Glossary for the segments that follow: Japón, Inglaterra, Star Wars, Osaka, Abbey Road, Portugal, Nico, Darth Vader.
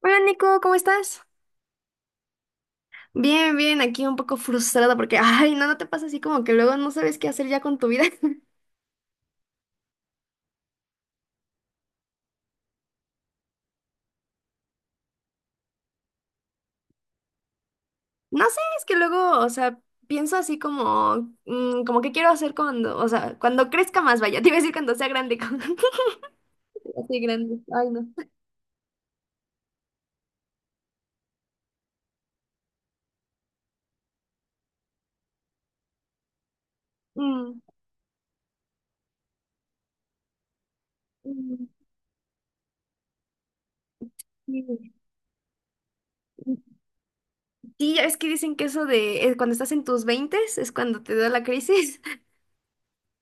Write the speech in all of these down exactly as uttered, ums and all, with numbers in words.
Hola Nico, ¿cómo estás? Bien, bien, aquí un poco frustrada porque, ay, no, no te pasa así como que luego no sabes qué hacer ya con tu vida. No sé, es que luego, o sea, pienso así como, mm, como que quiero hacer cuando, o sea, cuando crezca más, vaya, te iba a decir cuando sea grande, como- así grande, ay, no. Mm. Mm. Sí. Sí, ya ves que dicen que eso de eh, cuando estás en tus veintes es cuando te da la crisis.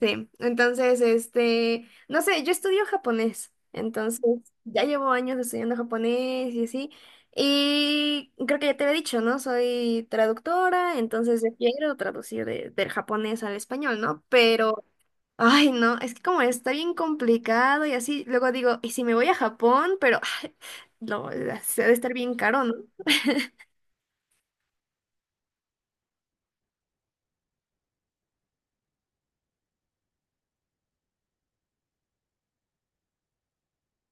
Sí, entonces, este, no sé, yo estudio japonés, entonces ya llevo años estudiando japonés y así, y creo que ya te había dicho, ¿no? Soy traductora, entonces yo quiero traducir de- del japonés al español, ¿no? Pero, ay, no, es que como está bien complicado y así, luego digo, ¿y si me voy a Japón? Pero, ay, no, se ha de estar bien caro, ¿no?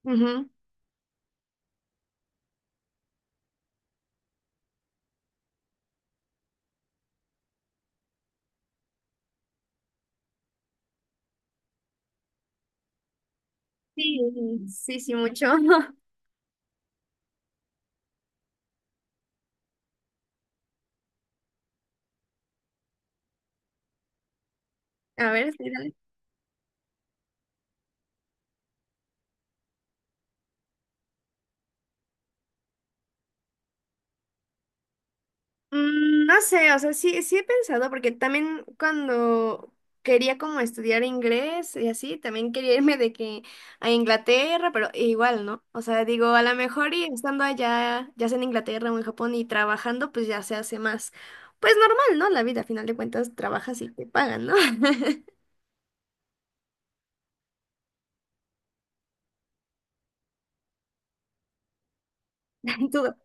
Ujú. Sí, sí, sí, mucho. A ver, sí, dale. Mm, No sé, o sea, sí, sí he pensado, porque también cuando quería como estudiar inglés y así, también quería irme de que a Inglaterra, pero igual, ¿no? O sea, digo, a lo mejor y estando allá, ya sea en Inglaterra o en Japón y trabajando, pues ya se hace más, pues normal, ¿no? La vida, a final de cuentas, trabajas y te pagan, ¿no? Tú-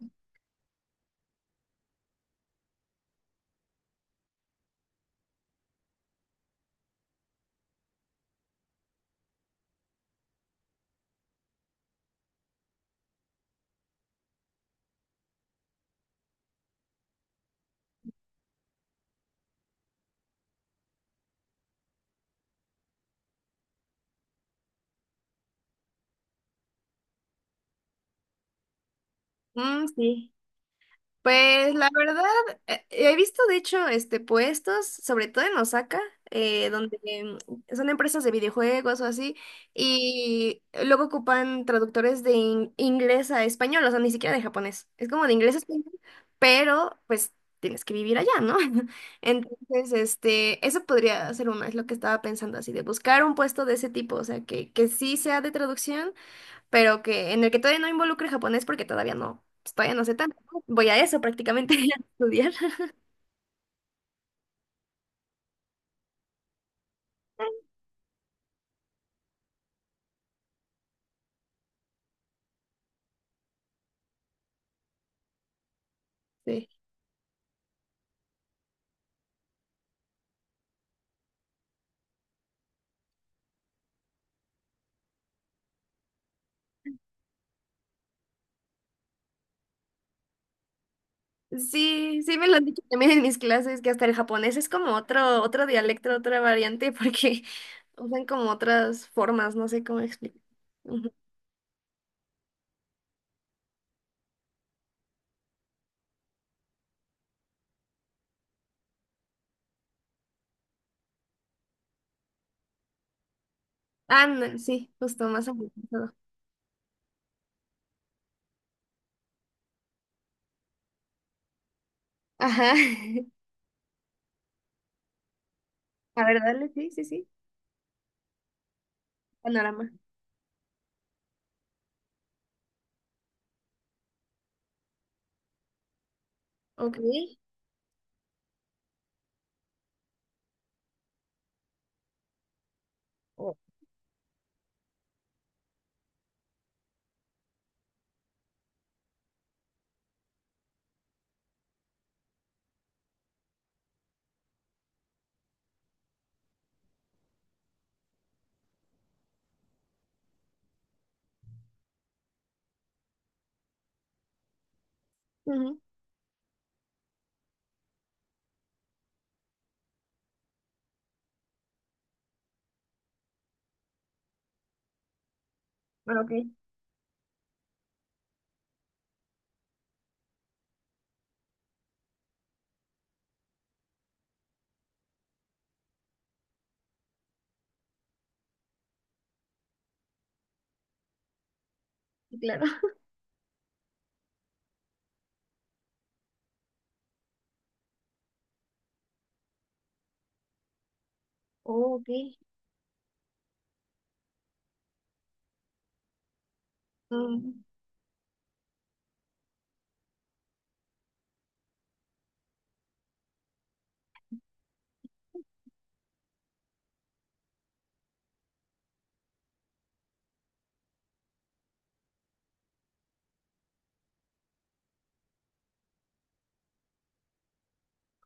Mm, sí. Pues la verdad, eh, he visto de hecho este puestos, sobre todo en Osaka, eh, donde mm, son empresas de videojuegos o así, y luego ocupan traductores de in- inglés a español, o sea, ni siquiera de japonés. Es como de inglés a español, pero pues tienes que vivir allá, ¿no? Entonces, este, eso podría ser uno, es lo que estaba pensando así, de buscar un puesto de ese tipo, o sea, que, que sí sea de traducción pero que en el que todavía no involucre japonés porque todavía no, pues, todavía no sé tanto, ¿no? Voy a eso prácticamente a estudiar. Sí. Sí, sí me lo han dicho también en mis clases que hasta el japonés es como otro otro dialecto, otra variante porque usan como otras formas, no sé cómo explicar. Ujú. Ah, no, sí, justo más amplificado. Ajá. A ver, dale, sí, sí, sí. Panorama. Ok. Oh. Ujú. Ah. Ok. Sí, claro. Oh, ok. Mm,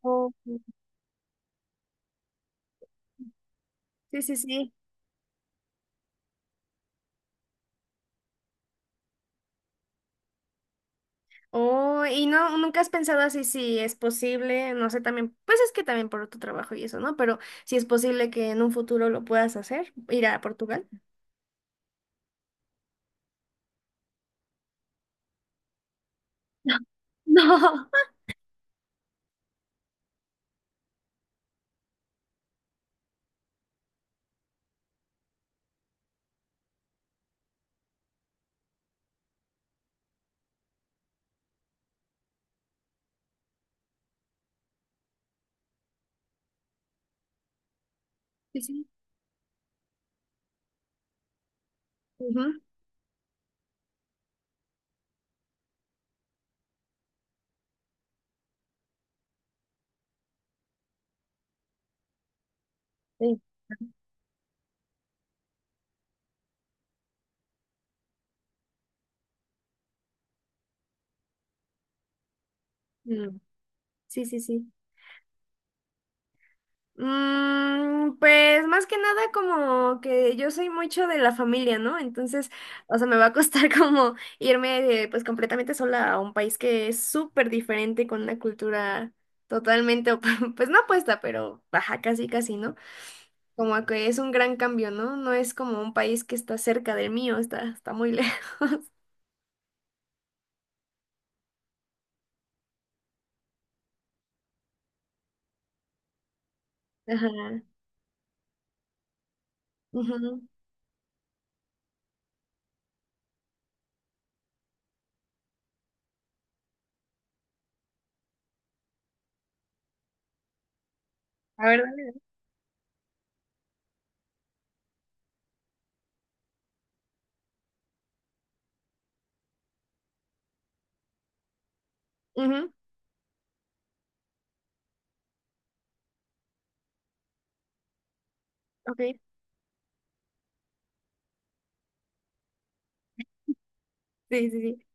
ok. Sí, sí, sí. Oh, y no, nunca has pensado así si es posible, no sé, también, pues es que también por tu trabajo y eso, ¿no? Pero si es posible que en un futuro lo puedas hacer, ir a Portugal. No. Sí, sí. Ujú. Sí. Mm, sí, sí. Sí. Mm, pues más que nada como que yo soy mucho de la familia, ¿no? Entonces, o sea, me va a costar como irme de, pues completamente sola a un país que es súper diferente con una cultura totalmente, op- pues no opuesta, pero baja casi, casi, ¿no? Como que es un gran cambio, ¿no? No es como un país que está cerca del mío, está, está muy lejos. Ajá. Ujú. A ver, dale. Ujú. Ok. Sí, sí, sí.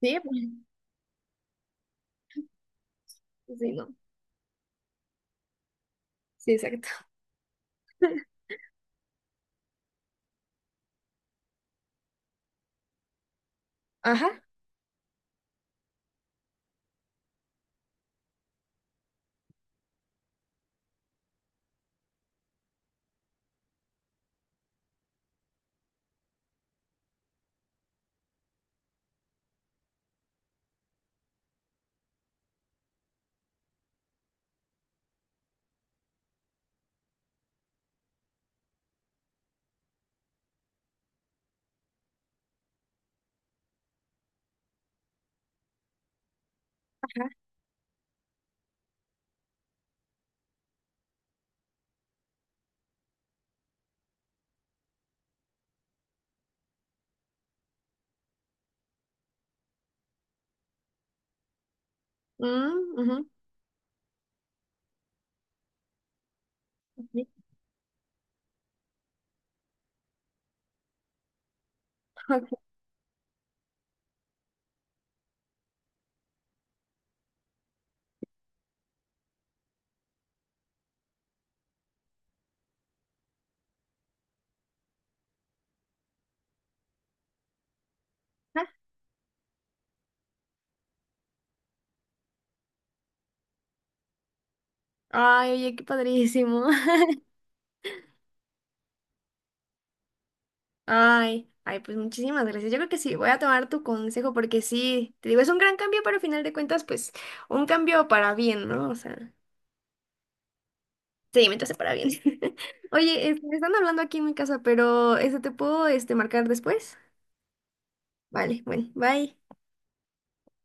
Sí, pues, sí, no. Sí, exacto. Ajá. Ajá. Mm, ujú, sí, ok. Ajá. Ay, oye, qué padrísimo. Ay, ay, pues muchísimas gracias. Yo creo que sí, voy a tomar tu consejo porque sí, te digo, es un gran cambio, pero al final de cuentas, pues, un cambio para bien, ¿no? O sea. Sí, mientras se para bien. Oye, este, me están hablando aquí en mi casa, pero este, ¿te puedo este, marcar después? Vale, bueno, bye.